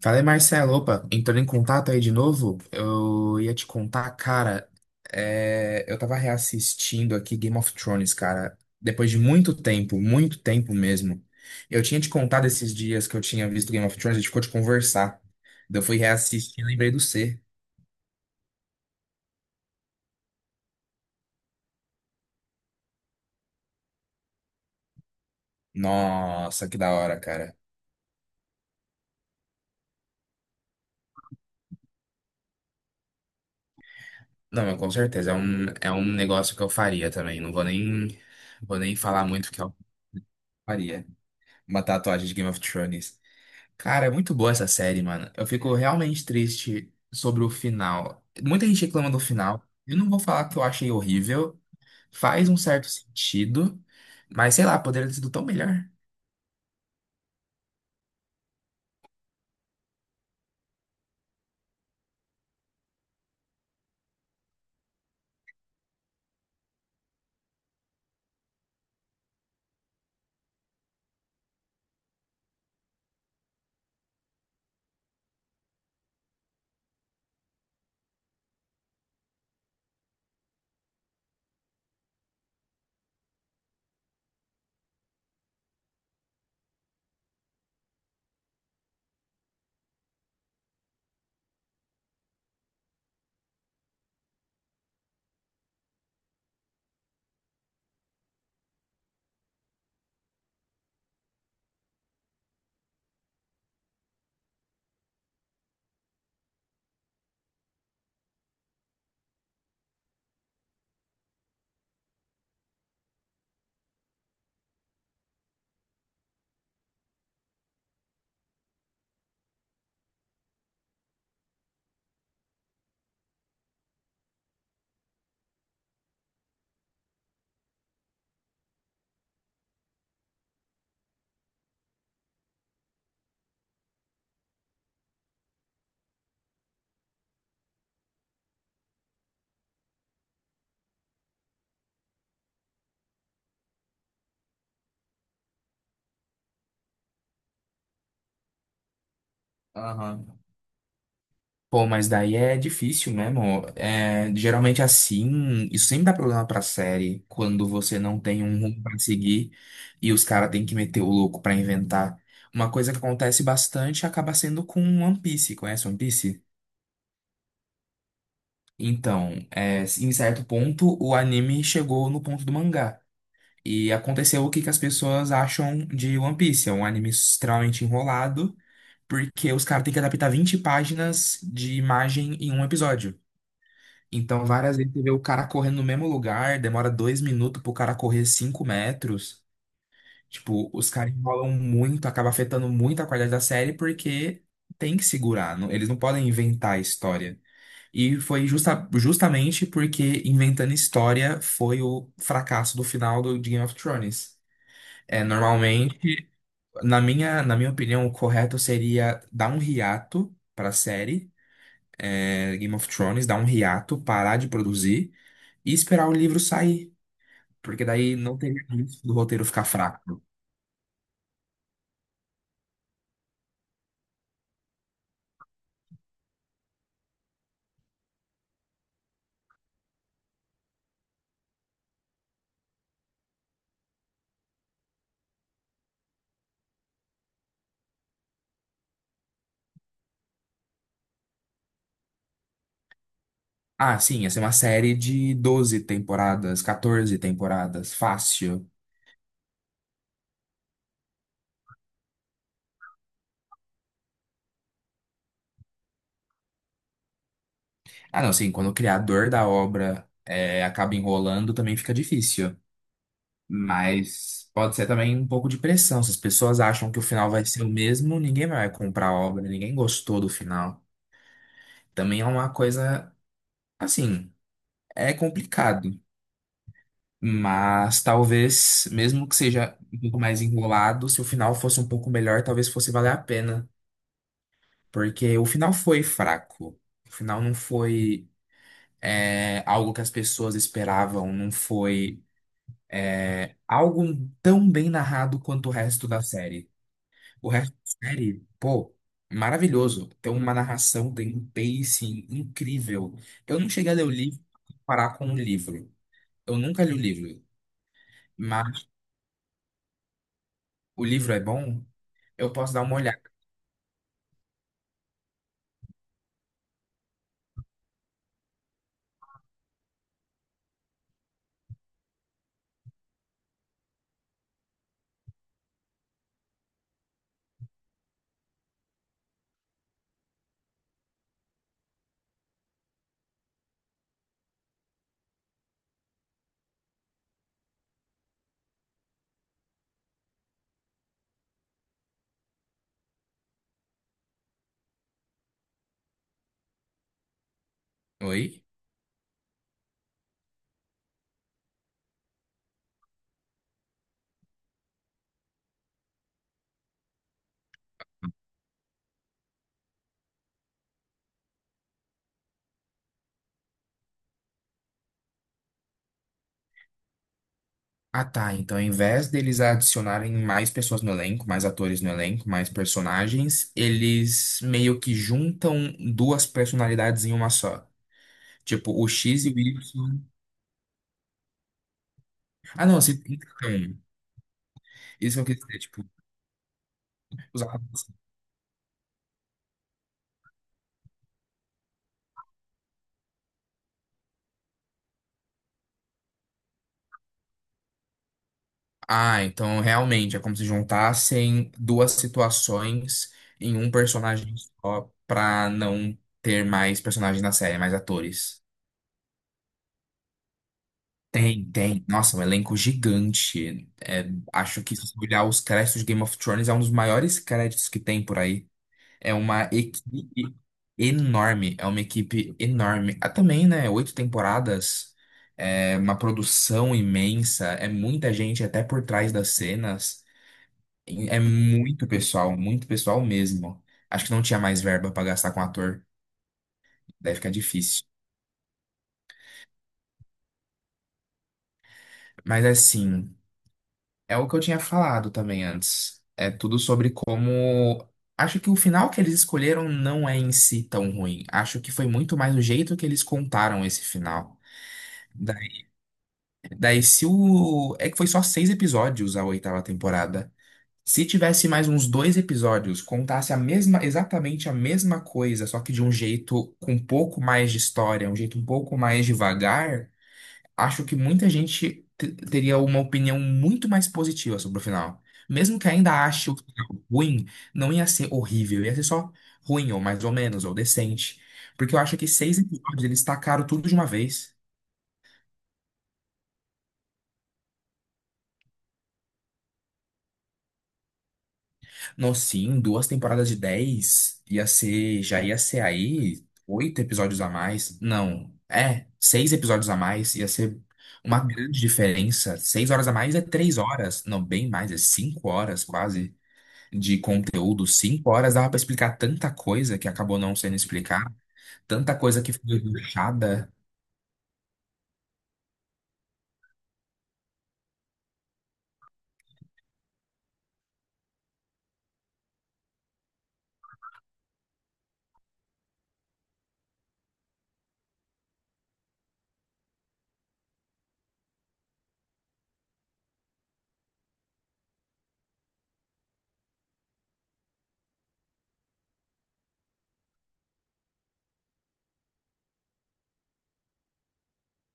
Falei, Marcelo, opa, entrando em contato aí de novo, eu ia te contar, cara, eu tava reassistindo aqui Game of Thrones, cara, depois de muito tempo mesmo. Eu tinha te contado esses dias que eu tinha visto Game of Thrones, a gente ficou de conversar. Daí eu fui reassistir e lembrei do C. Nossa, que da hora, cara. Não, mas com certeza, é um negócio que eu faria também, vou nem falar muito o que eu faria. Uma tatuagem de Game of Thrones. Cara, é muito boa essa série, mano. Eu fico realmente triste sobre o final. Muita gente reclama do final. Eu não vou falar que eu achei horrível. Faz um certo sentido. Mas sei lá, poderia ter sido tão melhor. Aham. Pô, mas daí é difícil mesmo. Geralmente assim, isso sempre dá problema pra série, quando você não tem um rumo pra seguir e os caras têm que meter o louco pra inventar. Uma coisa que acontece bastante acaba sendo com One Piece. Conhece One Piece? Então, em certo ponto, o anime chegou no ponto do mangá. E aconteceu o que, que as pessoas acham de One Piece. É um anime extremamente enrolado, porque os caras têm que adaptar 20 páginas de imagem em um episódio. Então, várias vezes você vê o cara correndo no mesmo lugar, demora 2 minutos pro cara correr 5 metros. Tipo, os caras enrolam muito, acaba afetando muito a qualidade da série, porque tem que segurar. Eles não podem inventar a história. E foi justamente porque Inventando História foi o fracasso do final do de Game of Thrones. Normalmente, na minha opinião, o correto seria dar um hiato para a série, Game of Thrones, dar um hiato, parar de produzir e esperar o livro sair. Porque daí não teria risco do roteiro ficar fraco. Ah, sim, ia ser uma série de 12 temporadas, 14 temporadas, fácil. Ah, não, sim, quando o criador da obra acaba enrolando, também fica difícil. Mas pode ser também um pouco de pressão. Se as pessoas acham que o final vai ser o mesmo, ninguém vai comprar a obra, ninguém gostou do final. Também é uma coisa, assim, é complicado. Mas talvez, mesmo que seja um pouco mais enrolado, se o final fosse um pouco melhor, talvez fosse valer a pena. Porque o final foi fraco. O final não foi algo que as pessoas esperavam, não foi algo tão bem narrado quanto o resto da série. O resto da série, pô, maravilhoso. Tem uma narração, tem um pacing incrível. Eu não cheguei a ler o livro pra comparar com o livro. Eu nunca li o livro, mas o livro é bom, eu posso dar uma olhada. Oi? Ah, tá. Então, ao invés deles adicionarem mais pessoas no elenco, mais atores no elenco, mais personagens, eles meio que juntam duas personalidades em uma só. Tipo, o X e o Y. Ah, não, se... então, isso que eu quis dizer, tipo, os atores. Ah, então realmente é como se juntassem duas situações em um personagem só pra não ter mais personagens na série, mais atores. Tem, tem. Nossa, um elenco gigante. Acho que se você olhar os créditos de Game of Thrones, é um dos maiores créditos que tem por aí. É uma equipe enorme, é uma equipe enorme. Ah, também, né? 8 temporadas, é uma produção imensa, é muita gente até por trás das cenas. É muito pessoal mesmo. Acho que não tinha mais verba pra gastar com ator. Deve ficar difícil. Mas assim, é o que eu tinha falado também antes. É tudo sobre como. Acho que o final que eles escolheram não é em si tão ruim. Acho que foi muito mais o jeito que eles contaram esse final. Daí, daí se o. É que foi só 6 episódios a oitava temporada. Se tivesse mais uns 2 episódios, contasse a mesma, exatamente a mesma coisa, só que de um jeito com um pouco mais de história, um jeito um pouco mais devagar, acho que muita gente teria uma opinião muito mais positiva sobre o final. Mesmo que ainda ache o final ruim, não ia ser horrível, ia ser só ruim, ou mais ou menos, ou decente. Porque eu acho que 6 episódios eles tacaram tudo de uma vez. Não, sim, 2 temporadas de 10 ia ser, já ia ser aí 8 episódios a mais. Não, 6 episódios a mais ia ser uma grande diferença. 6 horas a mais é 3 horas, não, bem mais, é 5 horas quase de conteúdo. 5 horas dava pra explicar tanta coisa que acabou não sendo explicada, tanta coisa que foi deixada.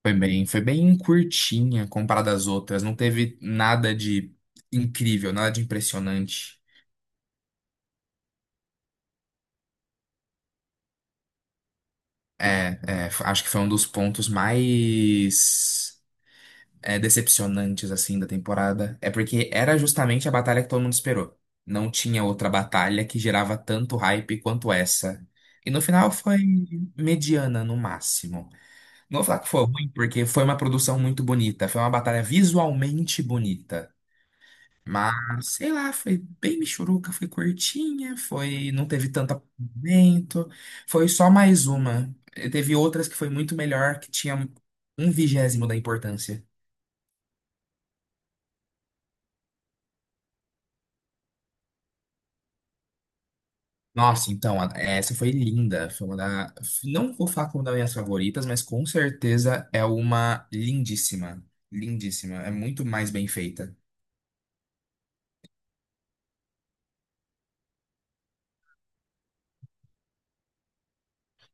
Foi bem curtinha comparada às outras, não teve nada de incrível, nada de impressionante. Acho que foi um dos pontos mais decepcionantes assim da temporada. É porque era justamente a batalha que todo mundo esperou. Não tinha outra batalha que gerava tanto hype quanto essa. E no final foi mediana no máximo. Não vou falar que foi ruim, porque foi uma produção muito bonita. Foi uma batalha visualmente bonita. Mas, sei lá, foi bem michuruca, foi curtinha, foi, não teve tanto acompanhamento, foi só mais uma. E teve outras que foi muito melhor, que tinha um vigésimo da importância. Nossa, então, essa foi linda. Foi uma da, não vou falar como das minhas favoritas, mas com certeza é uma lindíssima. Lindíssima. É muito mais bem feita.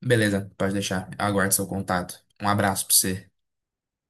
Beleza, pode deixar. Eu aguardo seu contato. Um abraço pra você.